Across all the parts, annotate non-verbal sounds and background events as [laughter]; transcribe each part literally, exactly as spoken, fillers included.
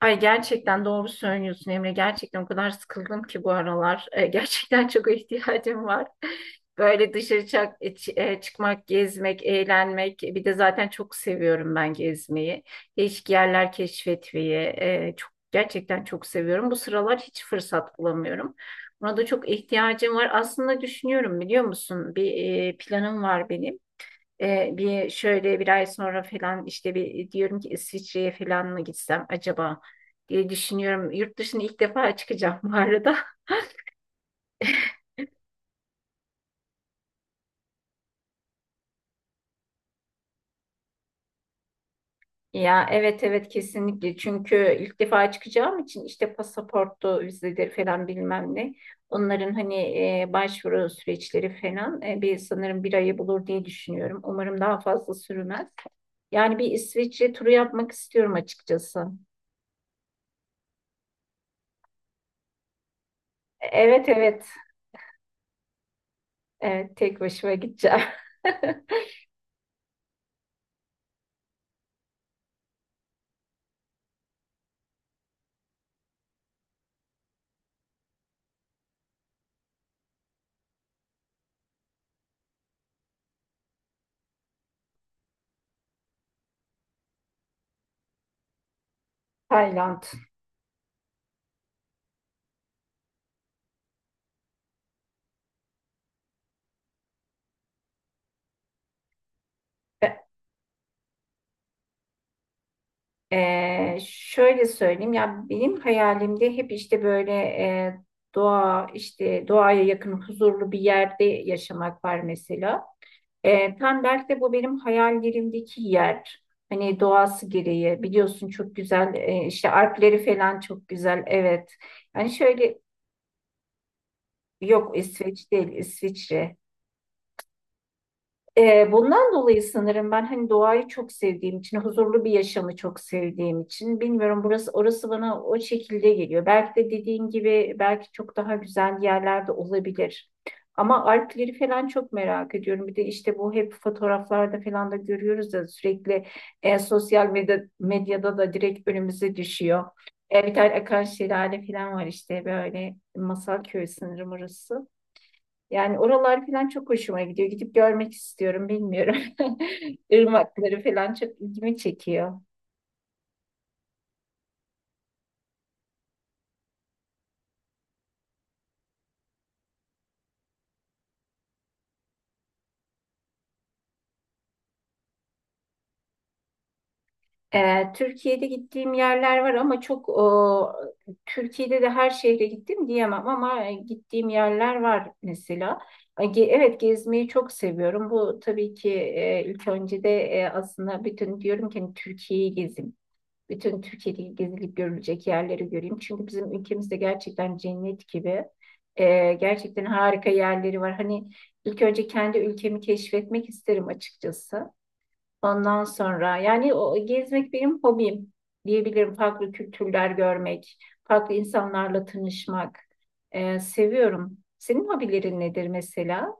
Ay gerçekten doğru söylüyorsun Emre. Gerçekten o kadar sıkıldım ki bu aralar. E, gerçekten çok ihtiyacım var. Böyle dışarı çak, e, çı- e, çıkmak, gezmek, eğlenmek. Bir de zaten çok seviyorum ben gezmeyi. Değişik yerler keşfetmeyi. E, çok gerçekten çok seviyorum. Bu sıralar hiç fırsat bulamıyorum. Buna da çok ihtiyacım var. Aslında düşünüyorum biliyor musun? Bir e, planım var benim. E, bir Şöyle bir ay sonra falan işte bir diyorum ki İsviçre'ye falan mı gitsem acaba diye düşünüyorum. Yurt dışına ilk defa çıkacağım bu arada. [laughs] Ya evet, evet, kesinlikle çünkü ilk defa çıkacağım için işte pasaportu, vizeleri falan bilmem ne. Onların hani e, başvuru süreçleri falan, e, bir sanırım bir ayı bulur diye düşünüyorum. Umarım daha fazla sürmez. Yani bir İsviçre turu yapmak istiyorum açıkçası. E, Evet, evet, evet, tek başıma gideceğim. [laughs] Tayland. Be- eee, Şöyle söyleyeyim ya, benim hayalimde hep işte böyle, eee, doğa, işte doğaya yakın huzurlu bir yerde yaşamak var mesela. Eee tam belki de bu benim hayallerimdeki yer. Hani doğası gereği biliyorsun çok güzel, eee, işte Alpleri falan çok güzel, evet. Yani şöyle, yok İsveç değil, İsviçre. Ee, bundan dolayı sanırım ben hani doğayı çok sevdiğim için, huzurlu bir yaşamı çok sevdiğim için bilmiyorum burası orası bana o şekilde geliyor. Belki de dediğin gibi belki çok daha güzel yerlerde olabilir. Ama Alpleri falan çok merak ediyorum. Bir de işte bu hep fotoğraflarda falan da görüyoruz ya sürekli, e, sosyal medya, medyada da direkt önümüze düşüyor. E, bir tane akan şelale falan var, işte böyle masal köyü sanırım orası. Yani oralar falan çok hoşuma gidiyor. Gidip görmek istiyorum, bilmiyorum. [laughs] Irmakları falan çok ilgimi çekiyor. Ee, Türkiye'de gittiğim yerler var ama çok o, Türkiye'de de her şehre gittim diyemem ama e, gittiğim yerler var mesela. Ay, ge- Evet, gezmeyi çok seviyorum. Bu tabii ki, e, ilk önce de e, aslında bütün diyorum ki hani Türkiye'yi gezin. Bütün Türkiye'deki gezilip görülecek yerleri göreyim. Çünkü bizim ülkemizde gerçekten cennet gibi. E, gerçekten harika yerleri var. Hani ilk önce kendi ülkemi keşfetmek isterim açıkçası. Ondan sonra yani o gezmek benim hobim diyebilirim. Farklı kültürler görmek, farklı insanlarla tanışmak e, seviyorum. Senin hobilerin nedir mesela?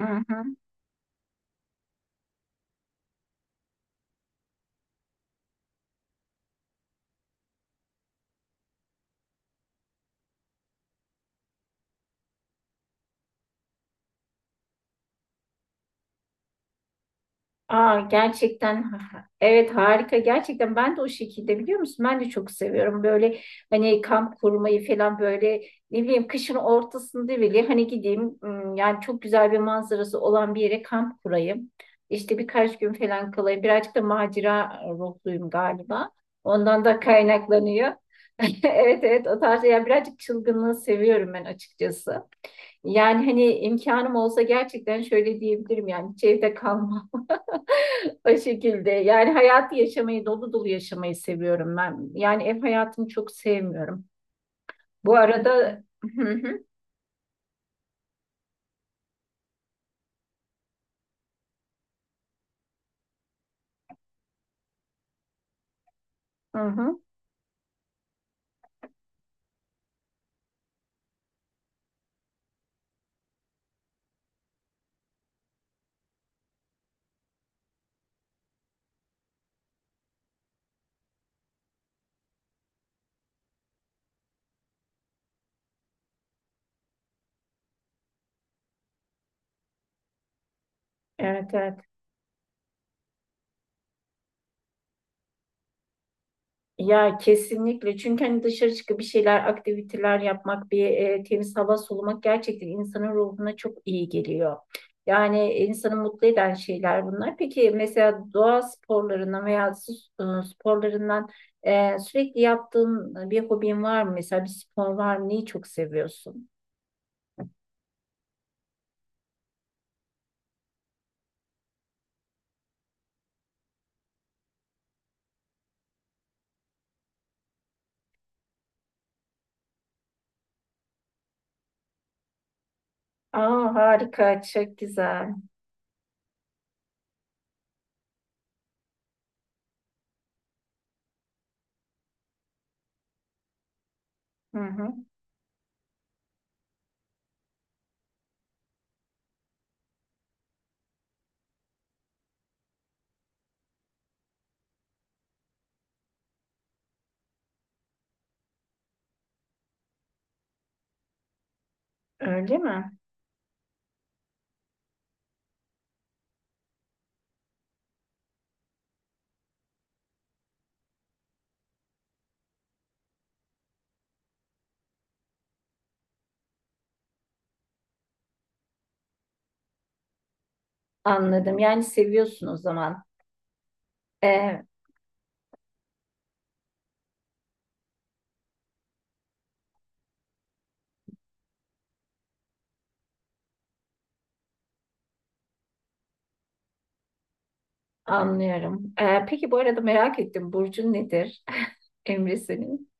Hı hı. Aa, gerçekten, ha- ha- evet harika, gerçekten ben de o şekilde biliyor musun, ben de çok seviyorum böyle hani kamp kurmayı falan, böyle ne bileyim kışın ortasında bile hani gideyim, ım, yani çok güzel bir manzarası olan bir yere kamp kurayım, işte birkaç gün falan kalayım, birazcık da macera ruhluyum galiba, ondan da kaynaklanıyor. [laughs] Evet, evet, o tarz yani, birazcık çılgınlığı seviyorum ben açıkçası. Yani hani imkanım olsa gerçekten şöyle diyebilirim, yani hiç evde kalmam o şekilde. Yani hayatı yaşamayı, dolu dolu yaşamayı seviyorum ben. Yani ev hayatını çok sevmiyorum. Bu arada. Hı hı, hı hı. Evet, evet. Ya kesinlikle. Çünkü hani dışarı çıkıp bir şeyler, aktiviteler yapmak, bir e, temiz hava solumak gerçekten insanın ruhuna çok iyi geliyor. Yani insanı mutlu eden şeyler bunlar. Peki mesela doğa sporlarından veya su e, sporlarından, Ee, sürekli yaptığın e, bir hobin var mı? Mesela bir spor var mı? Neyi çok seviyorsun? Aa, harika, çok güzel. Hı hı. Öyle mi? Anladım. Yani seviyorsun o zaman. Ee, Anlıyorum. Ee, peki bu arada merak ettim. Burcun nedir? [laughs] Emre senin.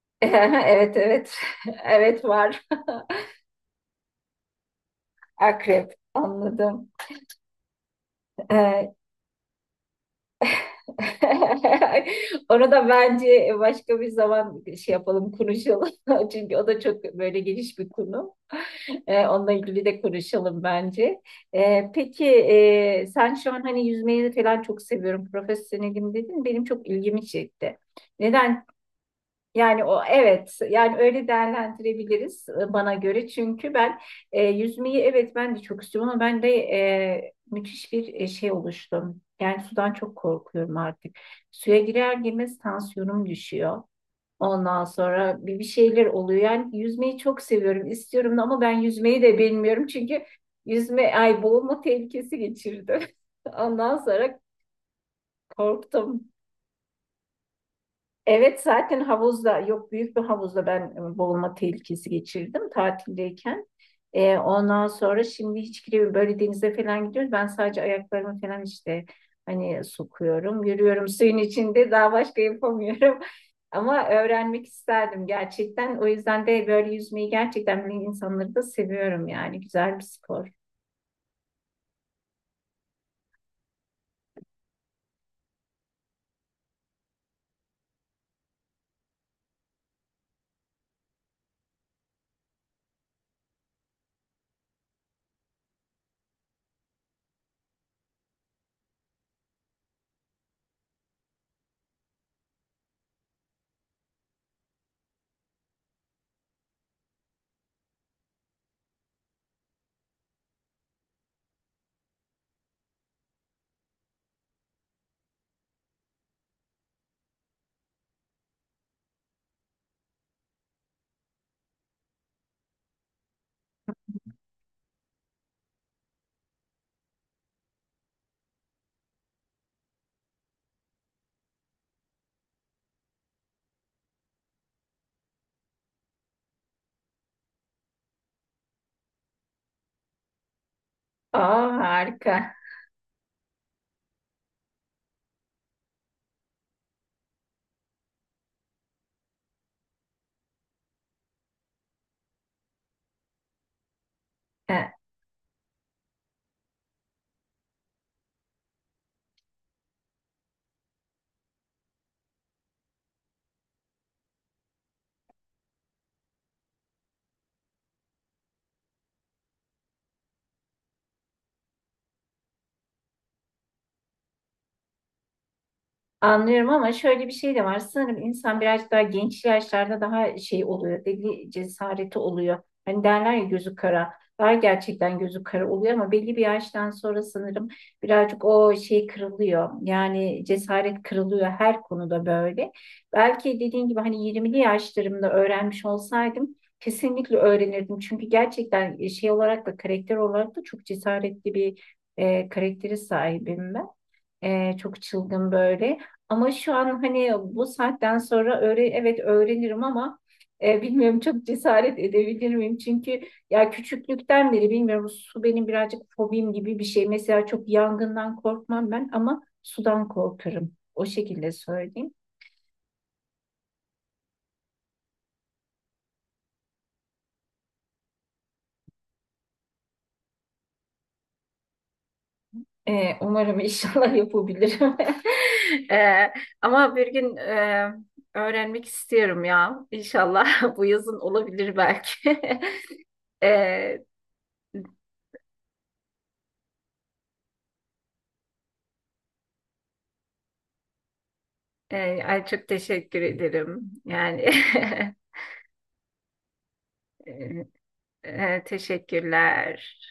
[laughs] Evet, evet. [laughs] Evet, var. [laughs] Akrep. Anladım. Ee, [laughs] Onu da bence başka bir zaman şey yapalım, konuşalım. [laughs] Çünkü o da çok böyle geniş bir konu. Ee, onunla ilgili de konuşalım bence. Ee, peki e, sen şu an hani yüzmeyi falan çok seviyorum. Profesyonelim dedin. Benim çok ilgimi çekti. Neden. Yani o, evet yani öyle değerlendirebiliriz, e, bana göre çünkü ben e, yüzmeyi, evet ben de çok istiyorum ama ben de e, müthiş bir e, şey oluştum. Yani sudan çok korkuyorum artık. Suya girer girmez tansiyonum düşüyor. Ondan sonra bir, bir şeyler oluyor. Yani yüzmeyi çok seviyorum, istiyorum da ama ben yüzmeyi de bilmiyorum çünkü yüzme, ay, boğulma tehlikesi geçirdim. [laughs] Ondan sonra korktum. Evet, zaten havuzda yok, büyük bir havuzda ben e, boğulma tehlikesi geçirdim tatildeyken. E, ondan sonra şimdi hiç giremiyorum. Böyle denize falan gidiyoruz. Ben sadece ayaklarımı falan işte hani sokuyorum, yürüyorum suyun içinde, daha başka yapamıyorum. [laughs] Ama öğrenmek isterdim gerçekten. O yüzden de böyle yüzmeyi gerçekten bilen insanları da seviyorum yani. Güzel bir spor. Aa, harika. Ee, Anlıyorum ama şöyle bir şey de var. Sanırım insan biraz daha genç yaşlarda daha şey oluyor. Belli cesareti oluyor. Hani derler ya, gözü kara. Daha gerçekten gözü kara oluyor ama belli bir yaştan sonra sanırım birazcık o şey kırılıyor. Yani cesaret kırılıyor her konuda böyle. Belki dediğin gibi hani yirmili yaşlarımda öğrenmiş olsaydım kesinlikle öğrenirdim. Çünkü gerçekten e, şey olarak da karakter olarak da çok cesaretli bir e, karaktere sahibim ben. Ee, çok çılgın böyle. Ama şu an hani bu saatten sonra öğre evet öğrenirim ama e, bilmiyorum, çok cesaret edebilir miyim? Çünkü ya, küçüklükten beri bilmiyorum, su benim birazcık fobim gibi bir şey. Mesela çok yangından korkmam ben ama sudan korkarım. O şekilde söyleyeyim. Ee, umarım inşallah [laughs] yapabilirim. [laughs] Ee, Ama bir gün e, öğrenmek istiyorum ya. İnşallah [laughs] bu yazın olabilir belki. [laughs] Ee, Ee, ay çok teşekkür ederim. Yani [laughs] e, e, teşekkürler.